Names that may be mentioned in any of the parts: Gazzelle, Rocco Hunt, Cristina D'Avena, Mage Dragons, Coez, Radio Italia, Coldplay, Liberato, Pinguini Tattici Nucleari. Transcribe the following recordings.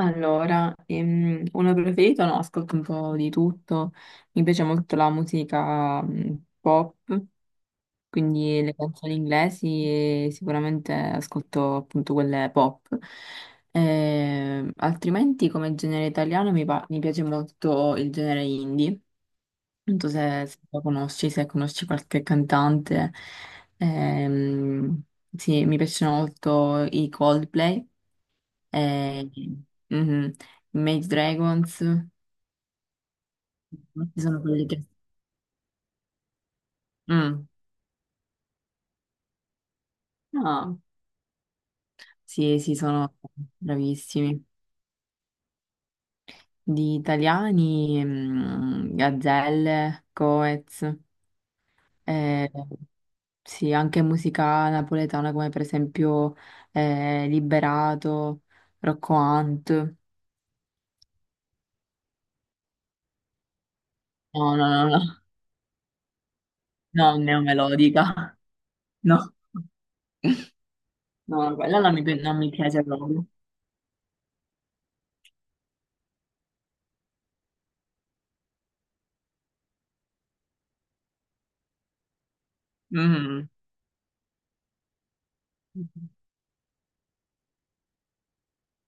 Allora, uno preferito? No, ascolto un po' di tutto. Mi piace molto la musica pop, quindi le canzoni inglesi e sicuramente ascolto appunto quelle pop. Altrimenti come genere italiano mi piace molto il genere indie. Non so se lo conosci, se conosci qualche cantante. Ehm, sì, mi piacciono molto i Coldplay. Eh, mhm. Mage Dragons, ci sono quelli che... Mm. No, sì, sono bravissimi. Di italiani, Gazzelle, Coez, eh, sì, anche musica napoletana come per esempio Liberato, Rocco Hunt. No, no, no, no, no, neomelodica, no, no, quella non mi piace proprio. Mm.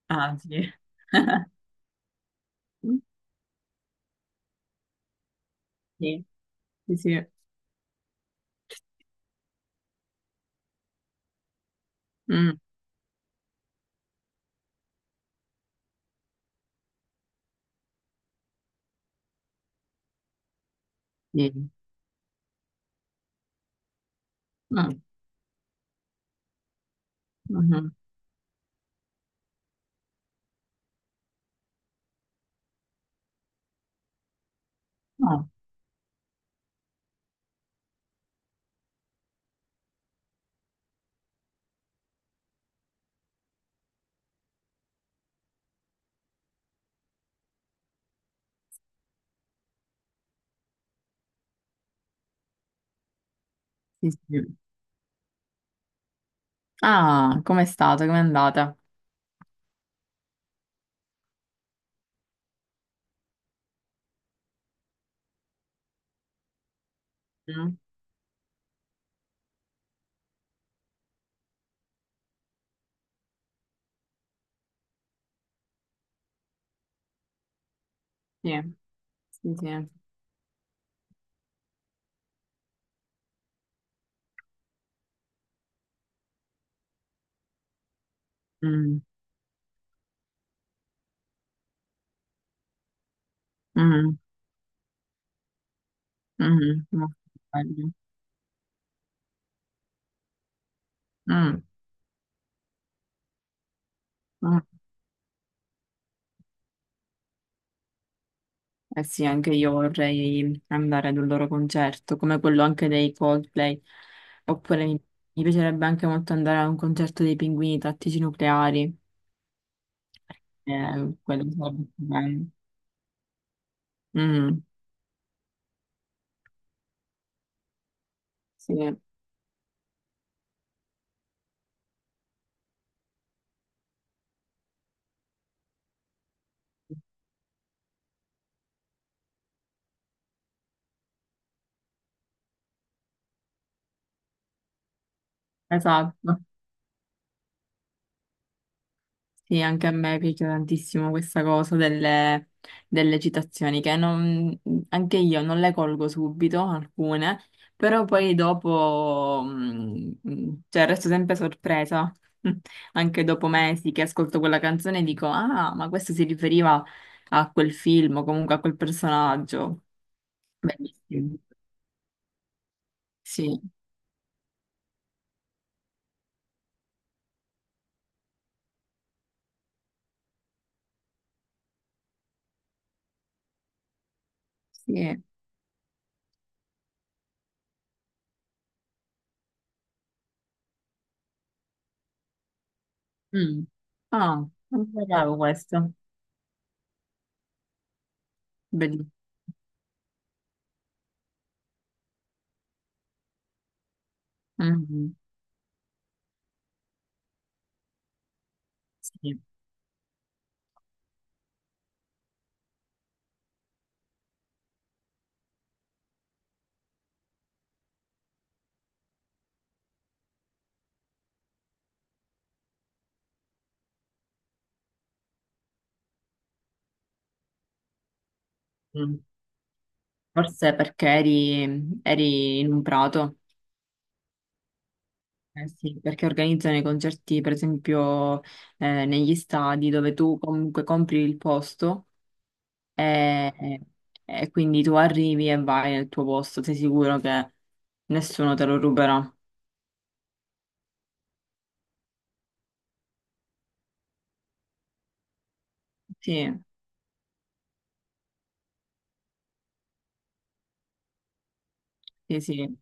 Ah, sì. Sì, sì, sì. Mm, sì. Mm, mhm. Ah, sì, sì. Ah, com'è stata? Com'è andata? Mm, sì, sì, sì. Mm, mm, molto bello. Mm, mm. Eh sì, anche io vorrei andare ad un loro concerto, come quello anche dei Coldplay. Oppure mi piacerebbe anche molto andare a un concerto dei Pinguini Tattici Nucleari. Quello sarebbe bello. Mm, sì. Esatto. Sì, anche a me piace tantissimo questa cosa delle citazioni, che non- anche io non le colgo subito, alcune, però poi dopo, cioè resto sempre sorpresa, anche dopo mesi che ascolto quella canzone e dico, ah, ma questo si riferiva a quel film o comunque a quel personaggio. Bellissimo. Sì, sì. Mm. Ah, non sapevo questo. Bellissimo. Mm. Sì. Mm. Forse perché eri in un prato, eh sì, perché organizzano i concerti, per esempio, negli stadi dove tu comunque compri il posto e, e quindi tu arrivi e vai nel tuo posto, sei sicuro che nessuno te lo ruberà. Sì, sì, sì.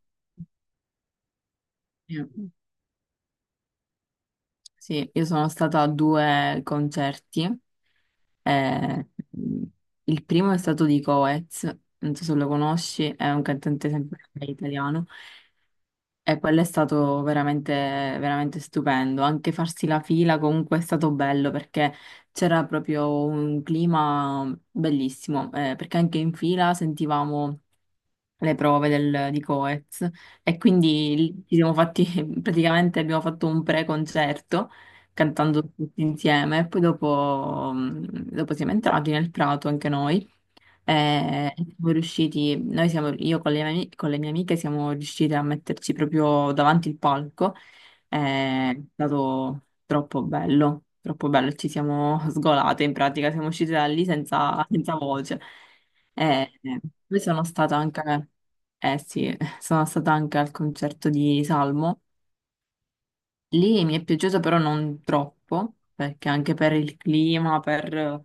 Sì, sì, io sono stata a due concerti. eh, il primo è stato di Coez, non so se lo conosci, è un cantante sempre italiano. E quello è stato veramente, veramente stupendo. Anche farsi la fila comunque è stato bello perché c'era proprio un clima bellissimo. Perché anche in fila sentivamo di Coez e quindi lì ci siamo fatti, praticamente abbiamo fatto un pre-concerto cantando tutti insieme. E poi dopo, dopo siamo entrati nel prato anche noi. E siamo riusciti, io con con le mie amiche siamo riuscite a metterci proprio davanti il palco. Eh, È stato troppo bello, troppo bello. Ci siamo sgolate in pratica, siamo uscite da lì senza, senza voce. E, eh, Poi sono stata anche, eh sì, sono stata anche al concerto di Salmo. Lì mi è piaciuto però non troppo, perché anche per il clima, per...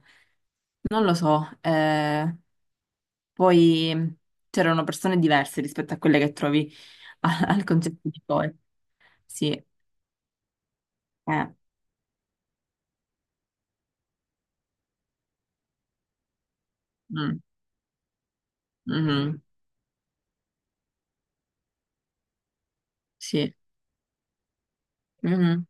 non lo so, poi c'erano persone diverse rispetto a quelle che trovi al concerto di poi. Sì, eh. Mm. Mhm. Sì. Mhm.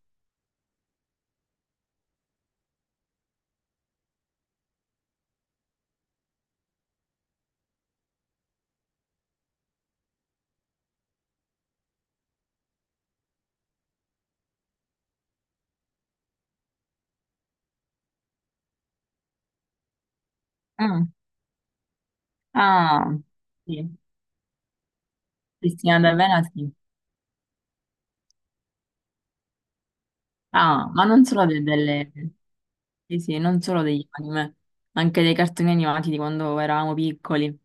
Mm. Ah, sì. Cristina D'Avena, sì. Ah, ma non solo delle... Sì, sì, non solo degli anime, anche dei cartoni animati di quando eravamo piccoli.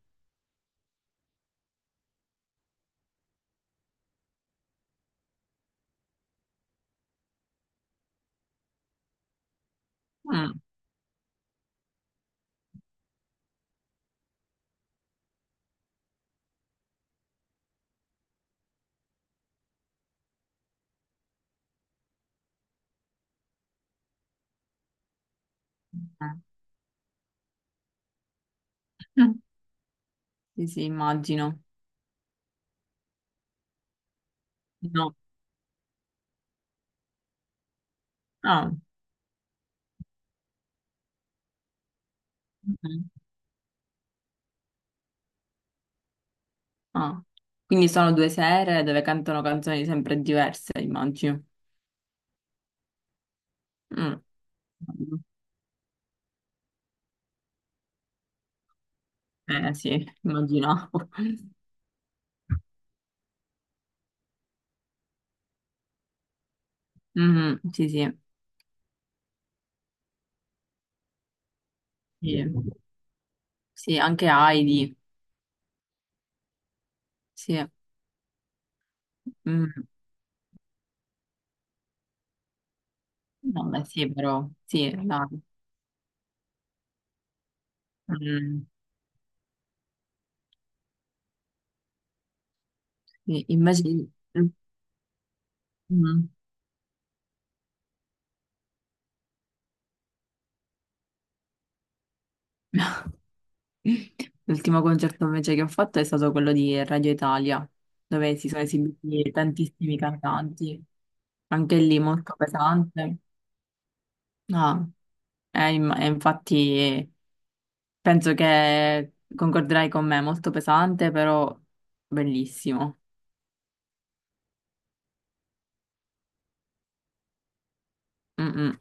Mm. Mm. Sì, sì, immagino. No. Ah. Mhm. Ah. Quindi sono due sere dove cantano canzoni sempre diverse, immagino. Mm. Eh sì, immaginavo. Mhm, sì, sì, sì, sì, anche Heidi, sì. Mm, no, beh, sì, però, sì, dai. Mm, sì, invece, mm, l'ultimo concerto invece che ho fatto è stato quello di Radio Italia, dove si sono esibiti tantissimi cantanti, anche lì molto pesante. No, è infatti, penso che concorderai con me, molto pesante, però bellissimo. Mm, mm.